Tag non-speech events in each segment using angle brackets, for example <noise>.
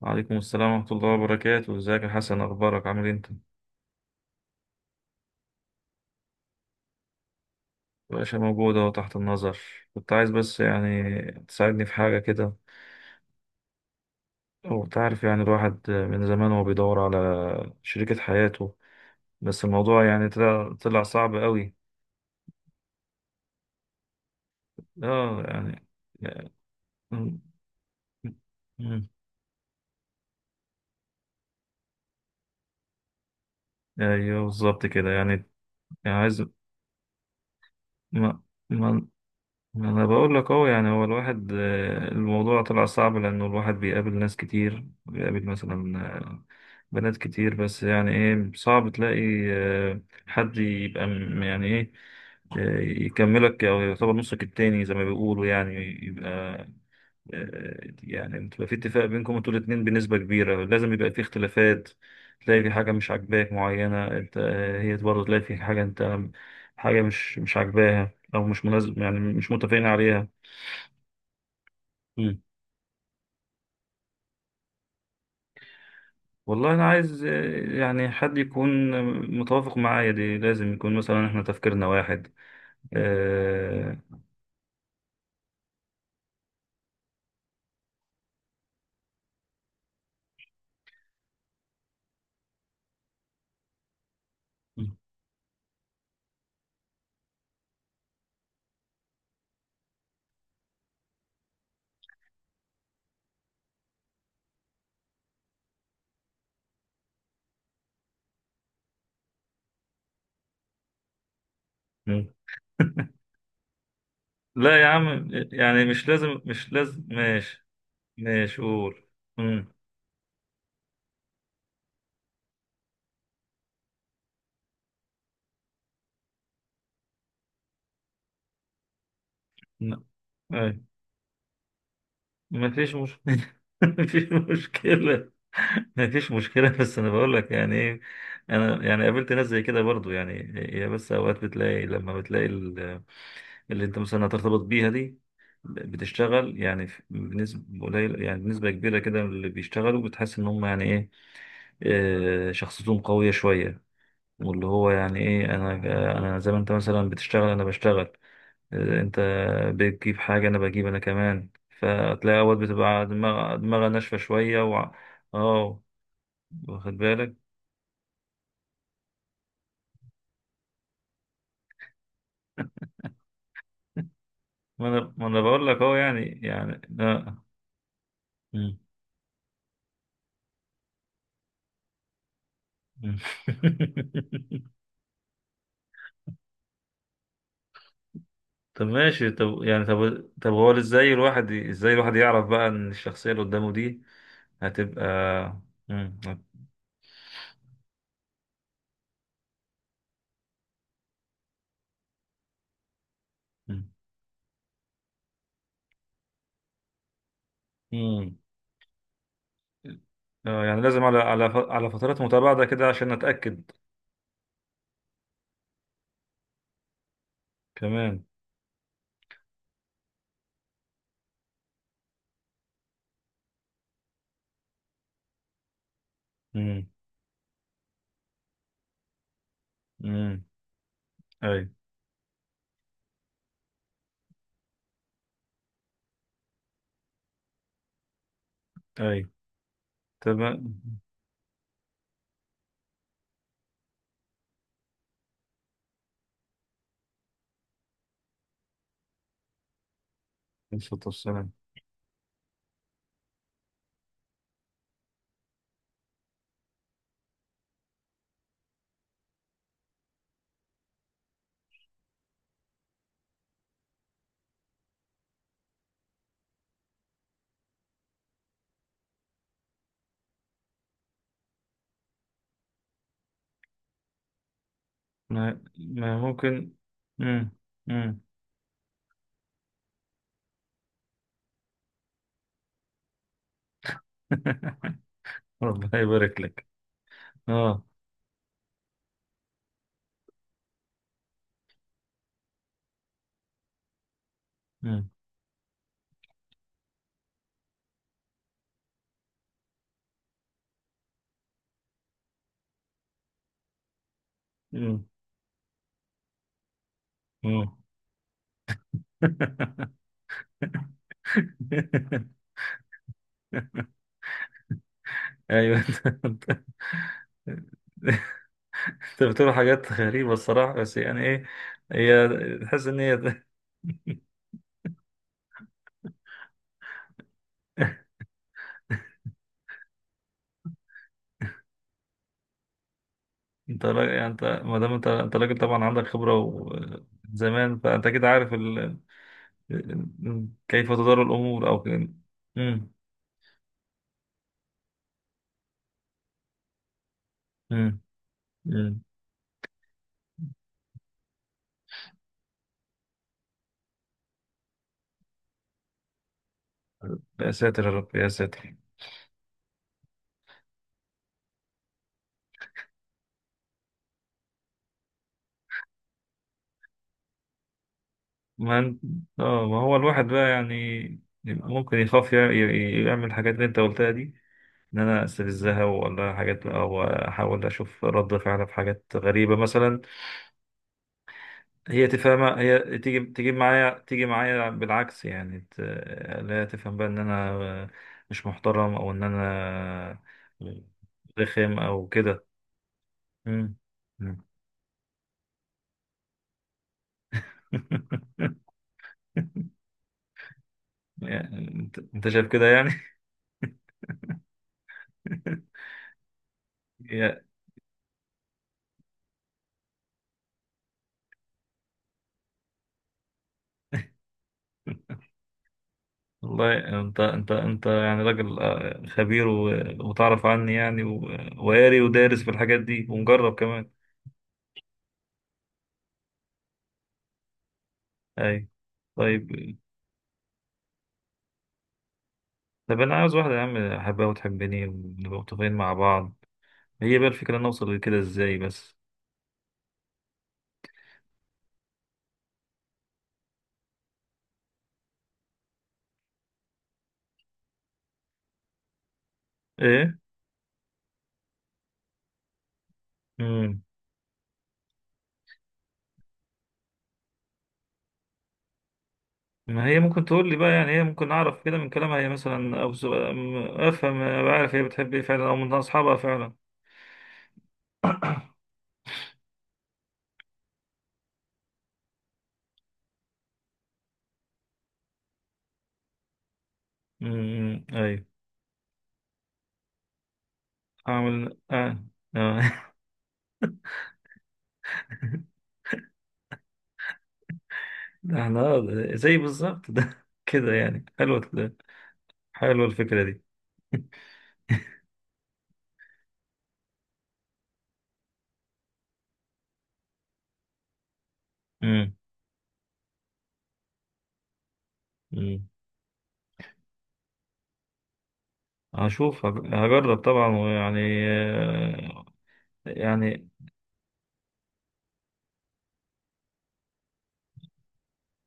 وعليكم السلام ورحمة الله وبركاته، ازيك يا حسن؟ اخبارك، عامل إيه انت؟ باشا موجود اهو تحت النظر. كنت عايز بس يعني تساعدني في حاجة كده. هو أنت عارف يعني الواحد من زمان هو بيدور على شريكة حياته، بس الموضوع يعني طلع صعب قوي. اه يعني، يعني، م- م- ايوه بالظبط كده يعني. يعني عايز. ما ما انا بقول لك اهو، يعني هو الواحد، الموضوع طلع صعب لانه الواحد بيقابل ناس كتير، بيقابل مثلا بنات كتير، بس يعني ايه صعب تلاقي آه، حد يبقى، يعني ايه، يكملك او يعتبر نصك التاني زي ما بيقولوا يعني، يبقى يعني بتبقى في اتفاق بينكم انتوا الاتنين، بنسبة كبيرة لازم يبقى في اختلافات، تلاقي في حاجة مش عاجباك معينة انت، هي برضه تلاقي في حاجة انت، حاجة مش عاجباها او مش مناسب، يعني مش متفقين عليها. مم. والله انا عايز يعني حد يكون متوافق معايا، دي لازم يكون مثلا احنا تفكيرنا واحد آه، مم. مم. لا يا عم، يعني مش لازم مش لازم، ماشي. ماشي، قول. مم. لا. ما فيش مشكلة <laughs> ما فيش مشكلة. ما فيش مشكلة <laughs> بس أنا بقول لك يعني إيه، أنا يعني قابلت ناس زي كده برضو يعني، هي بس أوقات بتلاقي، لما بتلاقي اللي أنت مثلا هترتبط بيها دي، بتشتغل يعني بنسبة قليلة، يعني بنسبة كبيرة كده، من اللي بيشتغلوا بتحس إن هم يعني إيه، شخصيتهم قوية شوية. واللي هو يعني إيه، أنا زي ما أنت مثلا بتشتغل أنا بشتغل، انت بتجيب حاجة انا بجيب، انا كمان. فتلاقي اوقات بتبقى دماغها ناشفة شوية و... اه، واخد بالك. ما انا بقول لك اهو، يعني لا. مم. مم. <laughs> طب ماشي، طب يعني طب طب هو ازاي الواحد، ازاي الواحد يعرف بقى ان الشخصية اللي قدامه دي هتبقى. مم. مم. مم. اه يعني لازم، على فترات متباعدة كده عشان اتأكد كمان. امم امم اي اي، تمام. عليه الصلاة والسلام. ما ممكن. مم. مم. <laughs> ربنا يبارك لك. اه. مم. مم. مم. <laughs> ايوه <laughs> انت انت أنت بتقول حاجات غريبة الصراحة، بس يعني ايه، هي تحس ان هي <laughs> انت راجل، يعني انت ما دام انت راجل، طبعا عندك خبرة وزمان، فانت كده عارف كيف تدار الامور او كده. مم. مم. يا ساتر يا رب يا ساتر. ما انت، اه، ما هو الواحد بقى يعني، يبقى ممكن يخاف يعمل الحاجات اللي انت قلتها دي، ان انا استفزها ولا حاجات، او احاول اشوف رد فعلها في حاجات غريبه مثلا. هي تفهمها، هي تيجي تيجي معايا، تيجي معايا بالعكس يعني لا، تفهم بقى ان انا مش محترم او ان انا رخم او كده. مم. مم. <laughs> يعني انت شايف كده يعني. <laughs> يا والله، انت يعني راجل، خبير، وتعرف عني يعني، وقاري ودارس في الحاجات دي ومجرب كمان. اي. طيب طب انا عاوز واحده يا عم، احبها وتحبني ونبقى متفقين مع بعض. هي بقى الفكره نوصل لكده ازاي بس؟ ايه. امم. ما هي ممكن تقول لي بقى، يعني هي ممكن اعرف كده من كلامها هي مثلا، او افهم، أبقى عارف هي بتحب ايه فعلا، او من اصحابها فعلا. امم. ايوه. اعمل اه, آه. <laughs> ده احنا، زي بالظبط ده <laughs> كده، يعني حلوة. حلوة الفكرة دي. امم. امم. هشوف، هجرب طبعا ويعني، آه، يعني،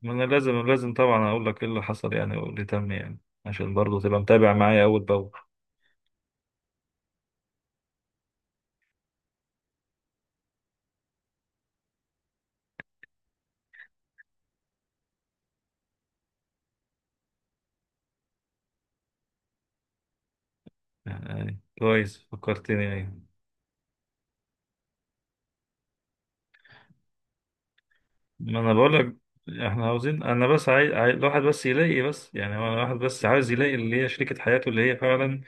ما انا لازم لازم طبعا اقول لك ايه اللي حصل يعني، واللي تم يعني، عشان برضه تبقى متابع معايا اول باول يعني. كويس فكرتني يعني. ما انا بقول لك احنا عاوزين، انا بس عايز الواحد بس يلاقي، بس يعني هو الواحد بس عايز يلاقي اللي هي شريكة حياته، اللي هي فعلا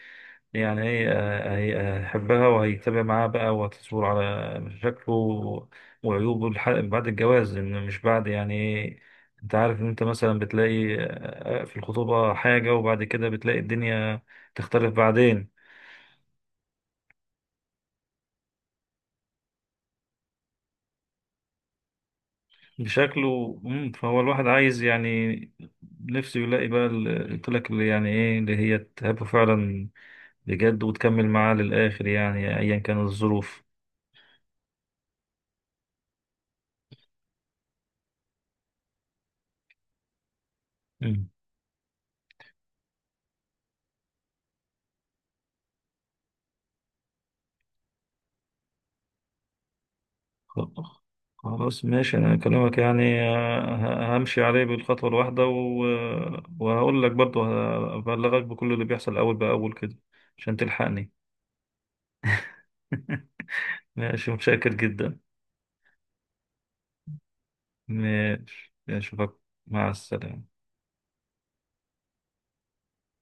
يعني هي، هيحبها وهيتابع معاها بقى، وهتصبر على مشاكله وعيوبه، بعد الجواز، إن مش بعد، يعني إيه، انت عارف ان انت مثلا بتلاقي في الخطوبة حاجة، وبعد كده بتلاقي الدنيا تختلف بعدين بشكله، فهو الواحد عايز، يعني نفسه يلاقي بقى، قلت لك اللي يعني ايه، اللي هي تحبه فعلا بجد، وتكمل معاه للآخر، يعني ايا كانت الظروف. خ- خلاص ماشي، انا اكلمك يعني، همشي عليه بالخطوة الواحدة و... وهقول لك برضه، هبلغك بكل اللي بيحصل اول باول كده عشان تلحقني. <laughs> ماشي، متشكر جدا. ماشي، اشوفك. مع السلامة.